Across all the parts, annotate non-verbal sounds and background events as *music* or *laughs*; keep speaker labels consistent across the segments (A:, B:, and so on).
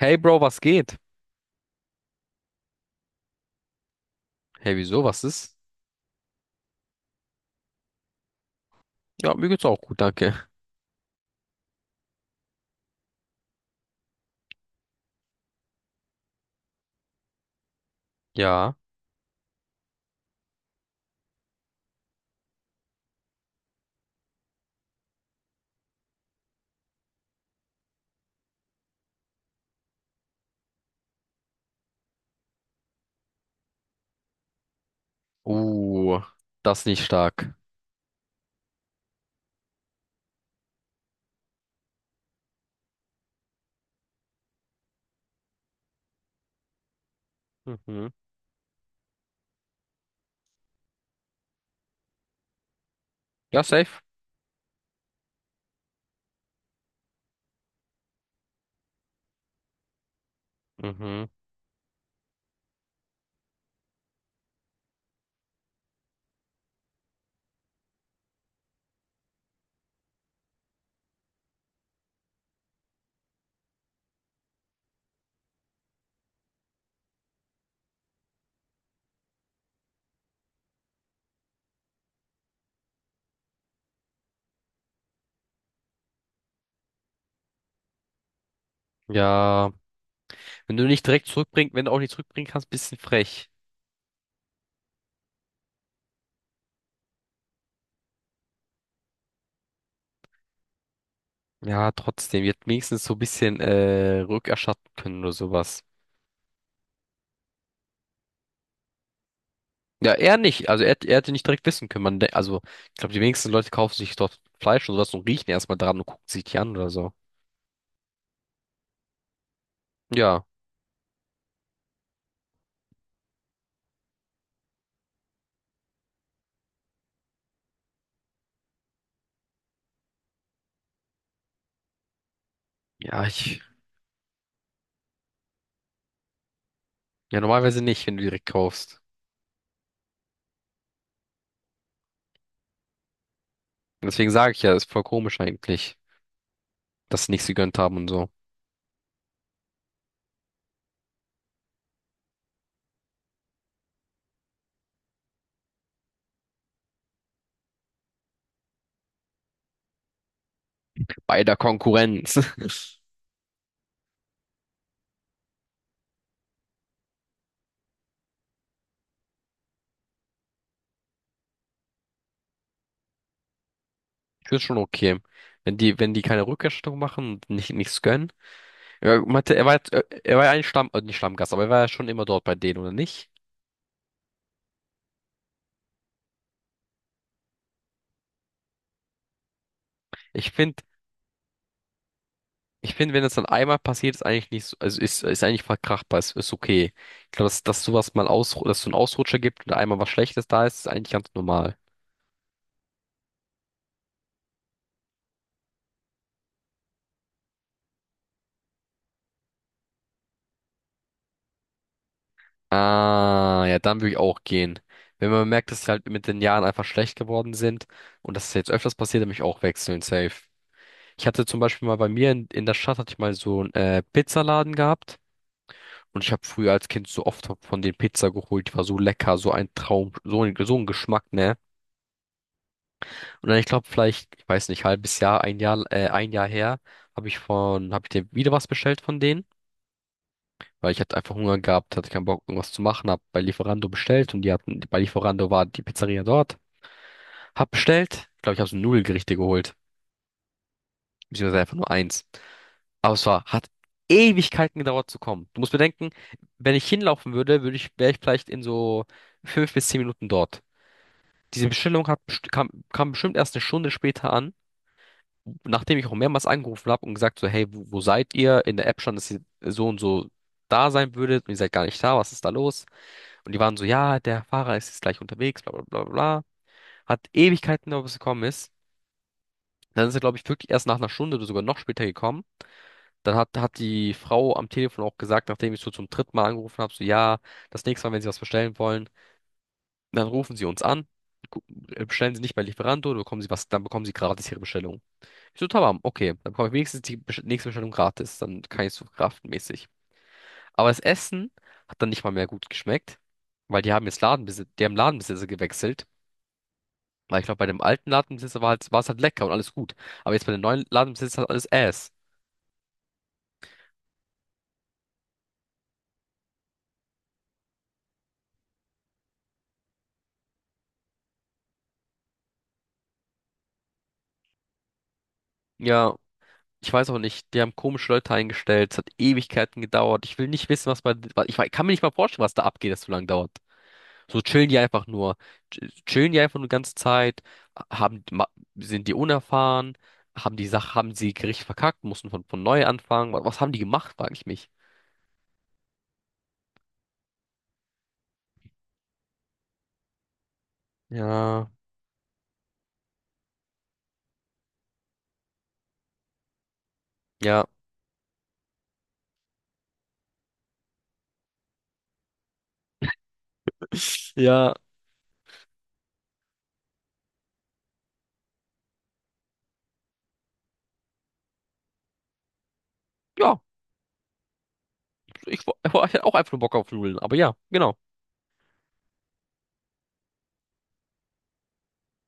A: Hey Bro, was geht? Hey, wieso? Was ist? Ja, mir geht's auch gut, danke. Ja. Uh, das ist nicht stark. Mhm. Ja, safe. Mhm. Ja. Wenn du nicht direkt zurückbringen, wenn du auch nicht zurückbringen kannst, bisschen frech. Ja, trotzdem. Ihr hättet wenigstens so ein bisschen rückerstatten können oder sowas. Ja, er nicht. Also er, er hätte nicht direkt wissen können. Man, also, ich glaube, die wenigsten Leute kaufen sich dort Fleisch und sowas und riechen erstmal dran und gucken sich die an oder so. Ja. Ja, ich. Ja, normalerweise nicht, wenn du direkt kaufst. Deswegen sage ich ja, ist voll komisch eigentlich, dass sie nichts gegönnt haben und so. Bei der Konkurrenz. *laughs* Ich finde schon okay. Wenn die keine Rückerstattung machen und nicht, nichts gönnen. Er meinte, er war, er war ja eigentlich Stamm, nicht Stammgast, aber er war ja schon immer dort bei denen, oder nicht? Ich finde, ich finde, wenn das dann einmal passiert, ist eigentlich nicht so, also ist eigentlich verkraftbar, ist okay. Ich glaube, dass sowas mal aus, dass so ein Ausrutscher gibt und einmal was Schlechtes da ist, ist eigentlich ganz normal. Ah, ja, dann würde ich auch gehen. Wenn man merkt, dass sie halt mit den Jahren einfach schlecht geworden sind und dass es jetzt öfters passiert, dann würde ich auch wechseln, safe. Ich hatte zum Beispiel mal bei mir in der Stadt hatte ich mal so einen Pizzaladen gehabt und ich habe früher als Kind so oft von den Pizza geholt, die war so lecker, so ein Traum, so ein Geschmack, ne? Und dann ich glaube vielleicht, ich weiß nicht, halbes Jahr, ein Jahr, ein Jahr her, habe ich habe ich dir wieder was bestellt von denen. Weil ich hatte einfach Hunger gehabt, hatte keinen Bock, irgendwas zu machen, hab bei Lieferando bestellt und die hatten, bei Lieferando war die Pizzeria dort. Hab bestellt, glaube ich, hab so Nudelgerichte geholt. Beziehungsweise einfach nur eins. Aber es war, hat Ewigkeiten gedauert zu kommen. Du musst bedenken, wenn ich hinlaufen würde, würde ich, wäre ich vielleicht in so fünf bis zehn Minuten dort. Diese Bestellung hat, kam, kam bestimmt erst eine Stunde später an. Nachdem ich auch mehrmals angerufen habe und gesagt so, hey, wo, wo seid ihr? In der App stand, dass ihr so und so da sein würdet und ihr seid gar nicht da, was ist da los? Und die waren so, ja, der Fahrer ist jetzt gleich unterwegs, bla bla bla bla. Bla. Hat Ewigkeiten gedauert, bis er gekommen ist. Dann ist er, glaube ich, wirklich erst nach einer Stunde oder sogar noch später gekommen. Dann hat, hat die Frau am Telefon auch gesagt, nachdem ich so zum dritten Mal angerufen habe, so ja, das nächste Mal, wenn Sie was bestellen wollen, dann rufen Sie uns an, gu- bestellen Sie nicht bei Lieferando, dann bekommen Sie was, dann bekommen Sie gratis Ihre Bestellung. Ich so, tamam, okay. Dann bekomme ich wenigstens die nächste Bestellung gratis. Dann kann ich so kraftmäßig. Aber das Essen hat dann nicht mal mehr gut geschmeckt, weil die haben jetzt Ladenbesitzer, die haben Ladenbesitzer gewechselt. Weil ich glaube, bei dem alten Ladenbesitzer war halt, war es halt lecker und alles gut. Aber jetzt bei dem neuen Ladenbesitzer hat alles Ass. Ja, ich weiß auch nicht. Die haben komische Leute eingestellt. Es hat Ewigkeiten gedauert. Ich will nicht wissen, was bei, kann mir nicht mal vorstellen, was da abgeht, das so lange dauert. So chillen die einfach nur. Chillen die einfach nur die ganze Zeit, haben, ma- sind die unerfahren, haben die Sache, haben sie Gericht verkackt, mussten von neu anfangen. Was, was haben die gemacht, frage ich mich. Ja, ja, ja, ja. Ich, ich hatte auch einfach nur Bock auf Nudeln, aber ja, genau.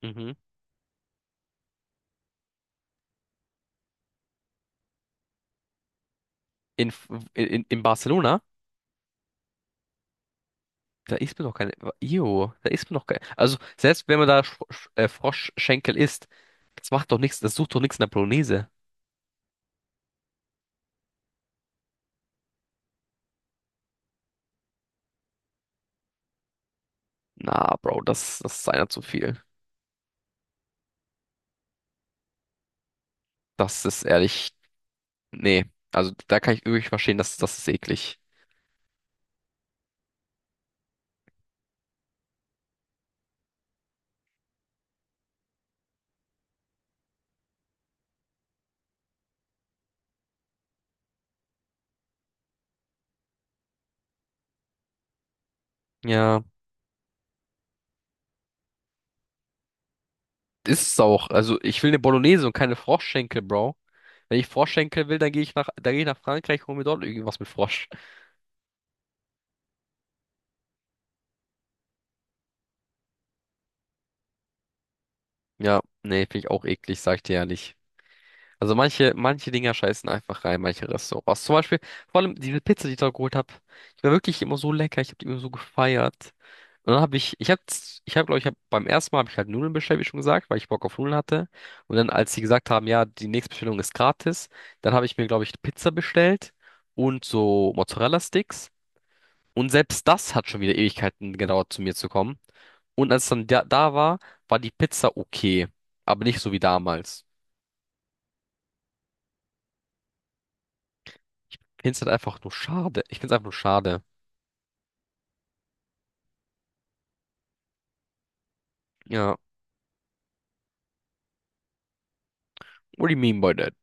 A: Mhm. In, F- in Barcelona, da isst man doch keine. Jo, da isst man doch keine. Also, selbst wenn man da Froschschenkel isst, das macht doch nichts, das sucht doch nichts in der Bolognese. Na, Bro, das ist einer zu viel. Das ist ehrlich. Nee, also da kann ich wirklich verstehen, dass das ist eklig. Ja, ist es auch. Also ich will eine Bolognese und keine Froschschenkel, Bro. Wenn ich Froschschenkel will, dann gehe ich nach, dann gehe ich nach Frankreich und hol mir dort irgendwas mit Frosch. Ja, nee, finde ich auch eklig, sag ich dir ehrlich. Also manche, manche Dinger scheißen einfach rein, manche Restaurants. Zum Beispiel, vor allem diese Pizza, die ich da geholt habe, die war wirklich immer so lecker, ich habe die immer so gefeiert. Und dann habe ich, ich habe, glaube ich, hab, beim ersten Mal habe ich halt Nudeln bestellt, wie schon gesagt, weil ich Bock auf Nudeln hatte. Und dann, als sie gesagt haben, ja, die nächste Bestellung ist gratis, dann habe ich mir, glaube ich, Pizza bestellt und so Mozzarella-Sticks. Und selbst das hat schon wieder Ewigkeiten gedauert, zu mir zu kommen. Und als es dann da war, war die Pizza okay, aber nicht so wie damals. Find's halt einfach nur schade. Ich find's einfach nur schade. Ja. What do you mean by that?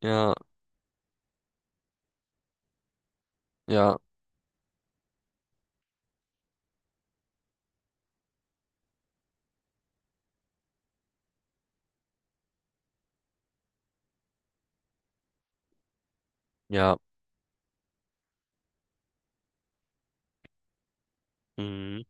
A: Ja, ja, ja. Mhm.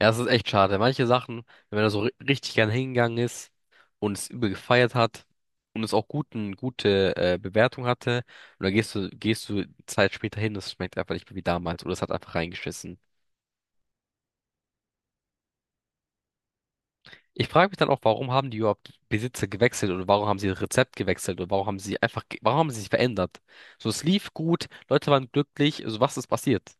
A: Ja, es ist echt schade. Manche Sachen, wenn man da so richtig gern hingegangen ist und es übel gefeiert hat und es auch gute Bewertung hatte, und dann gehst du Zeit später hin, das schmeckt einfach nicht mehr wie damals oder es hat einfach reingeschissen. Ich frage mich dann auch, warum haben die überhaupt Besitzer gewechselt oder warum haben sie das Rezept gewechselt oder warum haben sie einfach, warum haben sie sich verändert? So, es lief gut, Leute waren glücklich, also was ist passiert?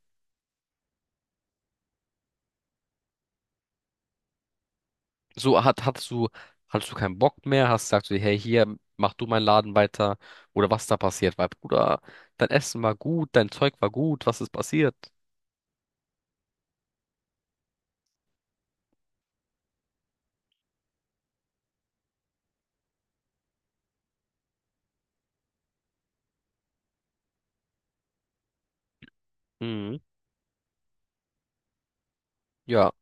A: So hattest du keinen Bock mehr, hast gesagt so, hey, hier, mach du meinen Laden weiter oder was da passiert, weil Bruder, dein Essen war gut, dein Zeug war gut, was ist passiert? Mhm. Ja,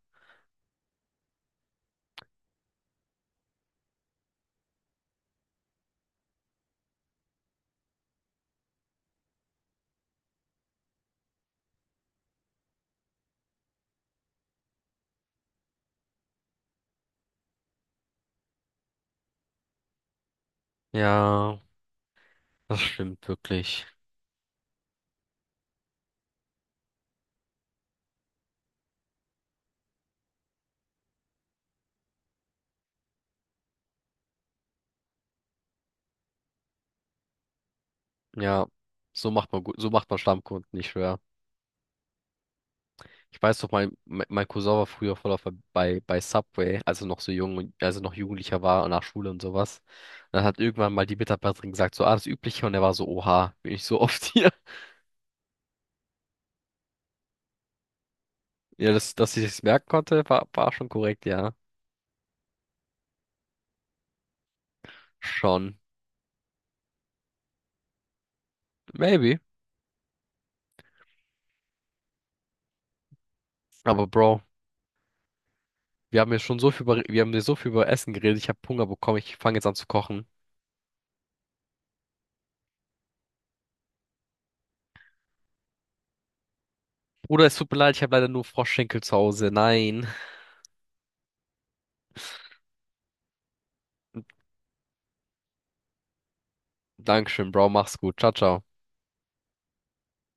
A: ja, das stimmt wirklich. Ja, so macht man gut, so macht man Stammkunden, ich schwör. Ich weiß doch, mein Cousin war früher voll auf bei Subway, als er noch so jung, als er noch Jugendlicher war und nach Schule und sowas. Und dann hat irgendwann mal die Mitarbeiterin gesagt, so, ah, das Übliche, und er war so, oha, bin ich so *laughs* oft hier. Ja, das, dass ich es merken konnte, war, war schon korrekt, ja. Schon. Maybe. Aber Bro, wir haben ja so viel über Essen geredet. Ich habe Hunger bekommen. Ich fange jetzt an zu kochen. Bruder, es tut mir leid, ich habe leider nur Froschschenkel zu Hause. Nein. Dankeschön, Bro. Mach's gut. Ciao, ciao.